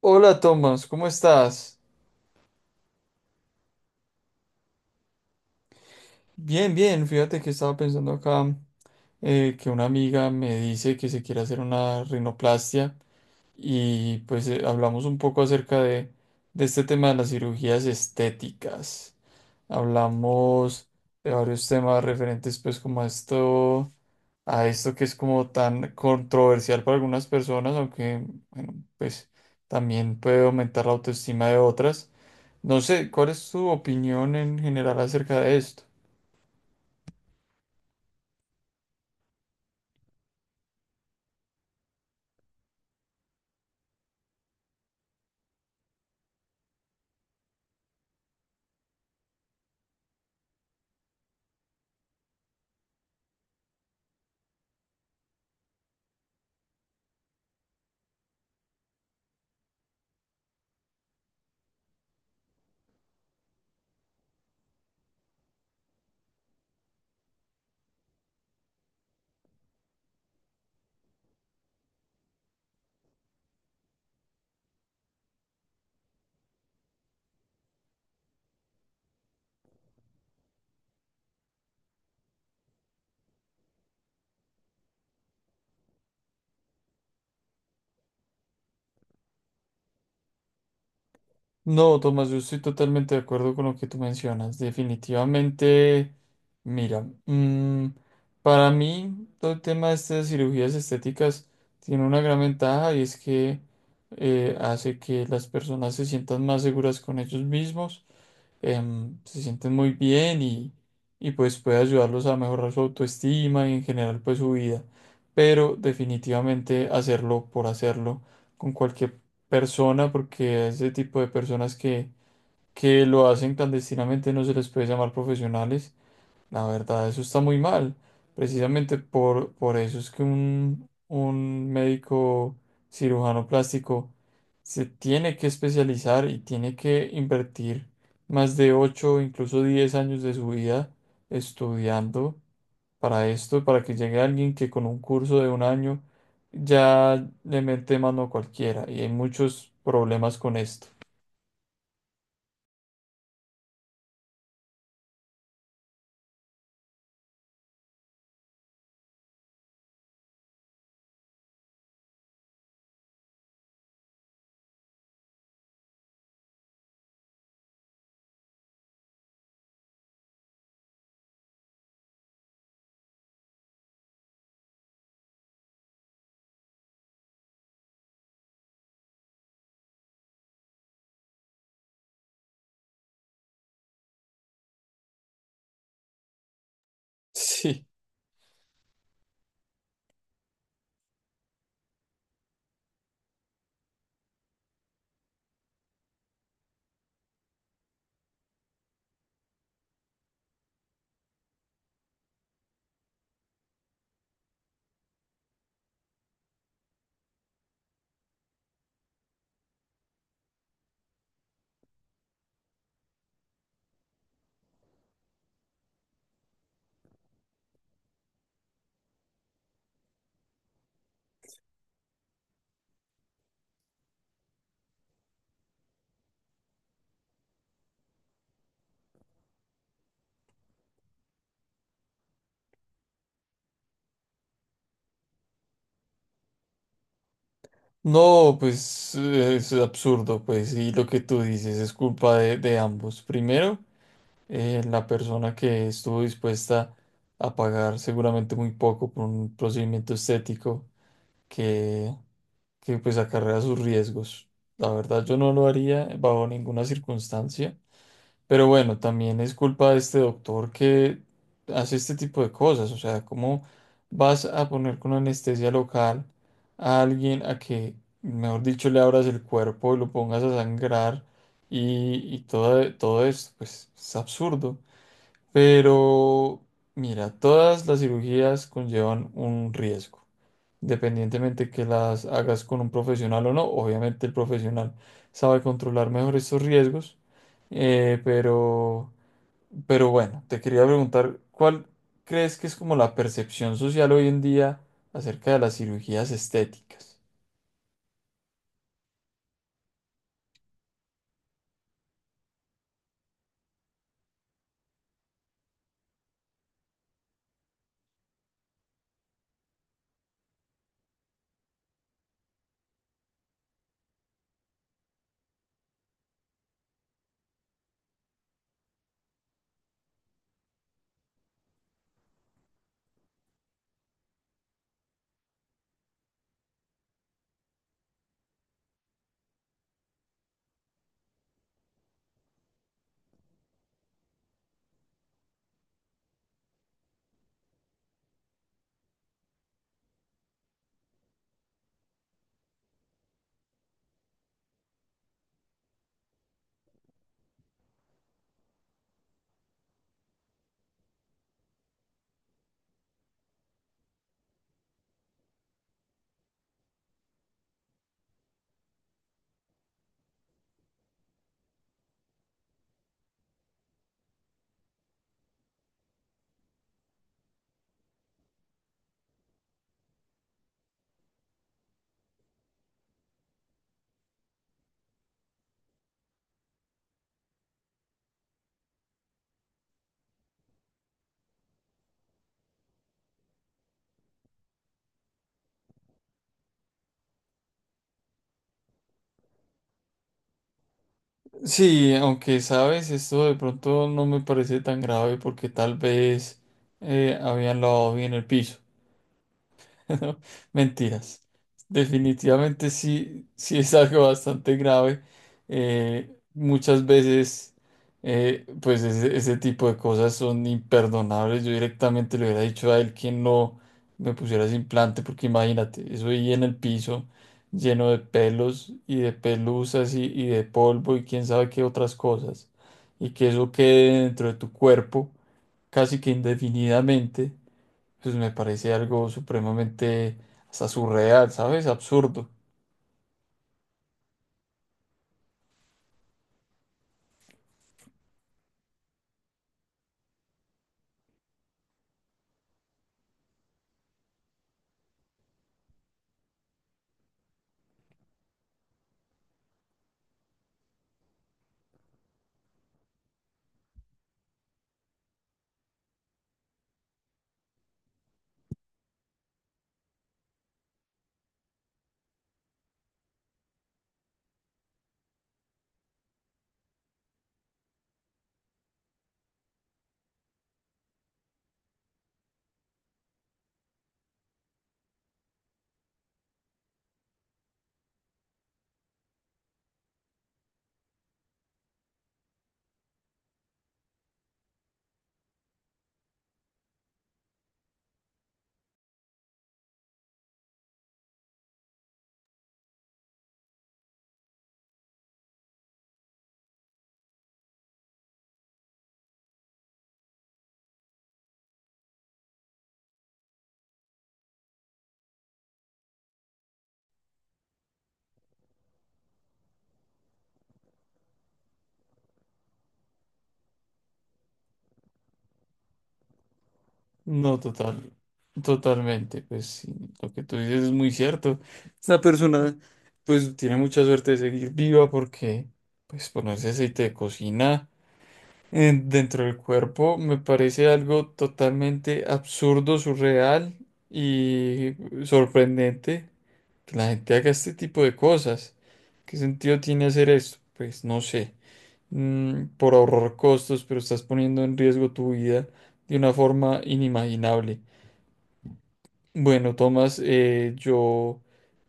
Hola Tomás, ¿cómo estás? Bien, bien, fíjate que estaba pensando acá que una amiga me dice que se quiere hacer una rinoplastia y pues hablamos un poco de este tema de las cirugías estéticas. Hablamos de varios temas referentes pues como a esto que es como tan controversial para algunas personas, aunque bueno, pues también puede aumentar la autoestima de otras. No sé, ¿cuál es tu opinión en general acerca de esto? No, Tomás, yo estoy totalmente de acuerdo con lo que tú mencionas. Definitivamente, mira, para mí todo el tema de estas cirugías estéticas tiene una gran ventaja, y es que hace que las personas se sientan más seguras con ellos mismos, se sienten muy bien y pues puede ayudarlos a mejorar su autoestima y en general pues su vida. Pero definitivamente hacerlo por hacerlo con cualquier persona, porque a ese tipo de que lo hacen clandestinamente no se les puede llamar profesionales. La verdad, eso está muy mal. Precisamente por eso es que un médico cirujano plástico se tiene que especializar y tiene que invertir más de 8, incluso 10 años de su vida estudiando para esto, para que llegue alguien que con un curso de 1 año ya le mete mano a cualquiera. Y hay muchos problemas con esto. Sí. No, pues es absurdo, pues, y lo que tú dices es culpa de ambos. Primero, la persona que estuvo dispuesta a pagar seguramente muy poco por un procedimiento estético que, que pues acarrea sus riesgos. La verdad yo no lo haría bajo ninguna circunstancia, pero bueno, también es culpa de este doctor que hace este tipo de cosas. O sea, ¿cómo vas a poner con anestesia local a alguien a que, mejor dicho, le abras el cuerpo y lo pongas a sangrar y todo, todo esto? Pues es absurdo. Pero, mira, todas las cirugías conllevan un riesgo, independientemente que las hagas con un profesional o no. Obviamente el profesional sabe controlar mejor estos riesgos. Pero pero bueno, te quería preguntar, ¿cuál crees que es como la percepción social hoy en día acerca de las cirugías estéticas? Sí, aunque sabes, esto de pronto no me parece tan grave, porque tal vez habían lavado bien el piso. Mentiras. Definitivamente sí, sí es algo bastante grave. Muchas veces, pues ese tipo de cosas son imperdonables. Yo directamente le hubiera dicho a él que no me pusiera ese implante, porque imagínate, eso ahí en el piso, lleno de pelos y de pelusas y de polvo y quién sabe qué otras cosas. Y que eso quede dentro de tu cuerpo casi que indefinidamente, pues me parece algo supremamente hasta surreal, ¿sabes? Absurdo. No, total, totalmente. Pues sí, lo que tú dices es muy cierto. Esta persona pues tiene mucha suerte de seguir viva, porque pues ponerse aceite de cocina dentro del cuerpo me parece algo totalmente absurdo, surreal y sorprendente. Que la gente haga este tipo de cosas. ¿Qué sentido tiene hacer esto? Pues no sé, mm, por ahorrar costos, pero estás poniendo en riesgo tu vida de una forma inimaginable. Bueno, Tomás, yo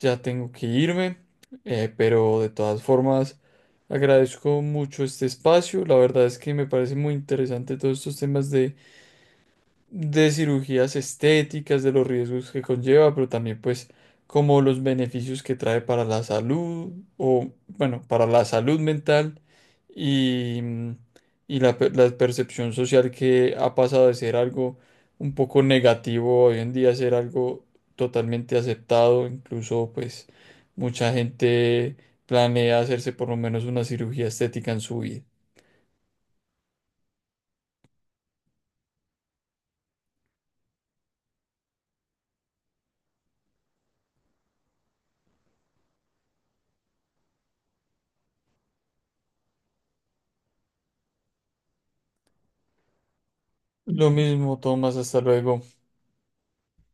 ya tengo que irme, pero de todas formas agradezco mucho este espacio. La verdad es que me parece muy interesante todos estos temas de cirugías estéticas, de los riesgos que conlleva, pero también pues como los beneficios que trae para la salud o bueno, para la salud mental y, y la percepción social, que ha pasado de ser algo un poco negativo hoy en día a ser algo totalmente aceptado, incluso pues mucha gente planea hacerse por lo menos una cirugía estética en su vida. Lo mismo, Tomás, hasta luego.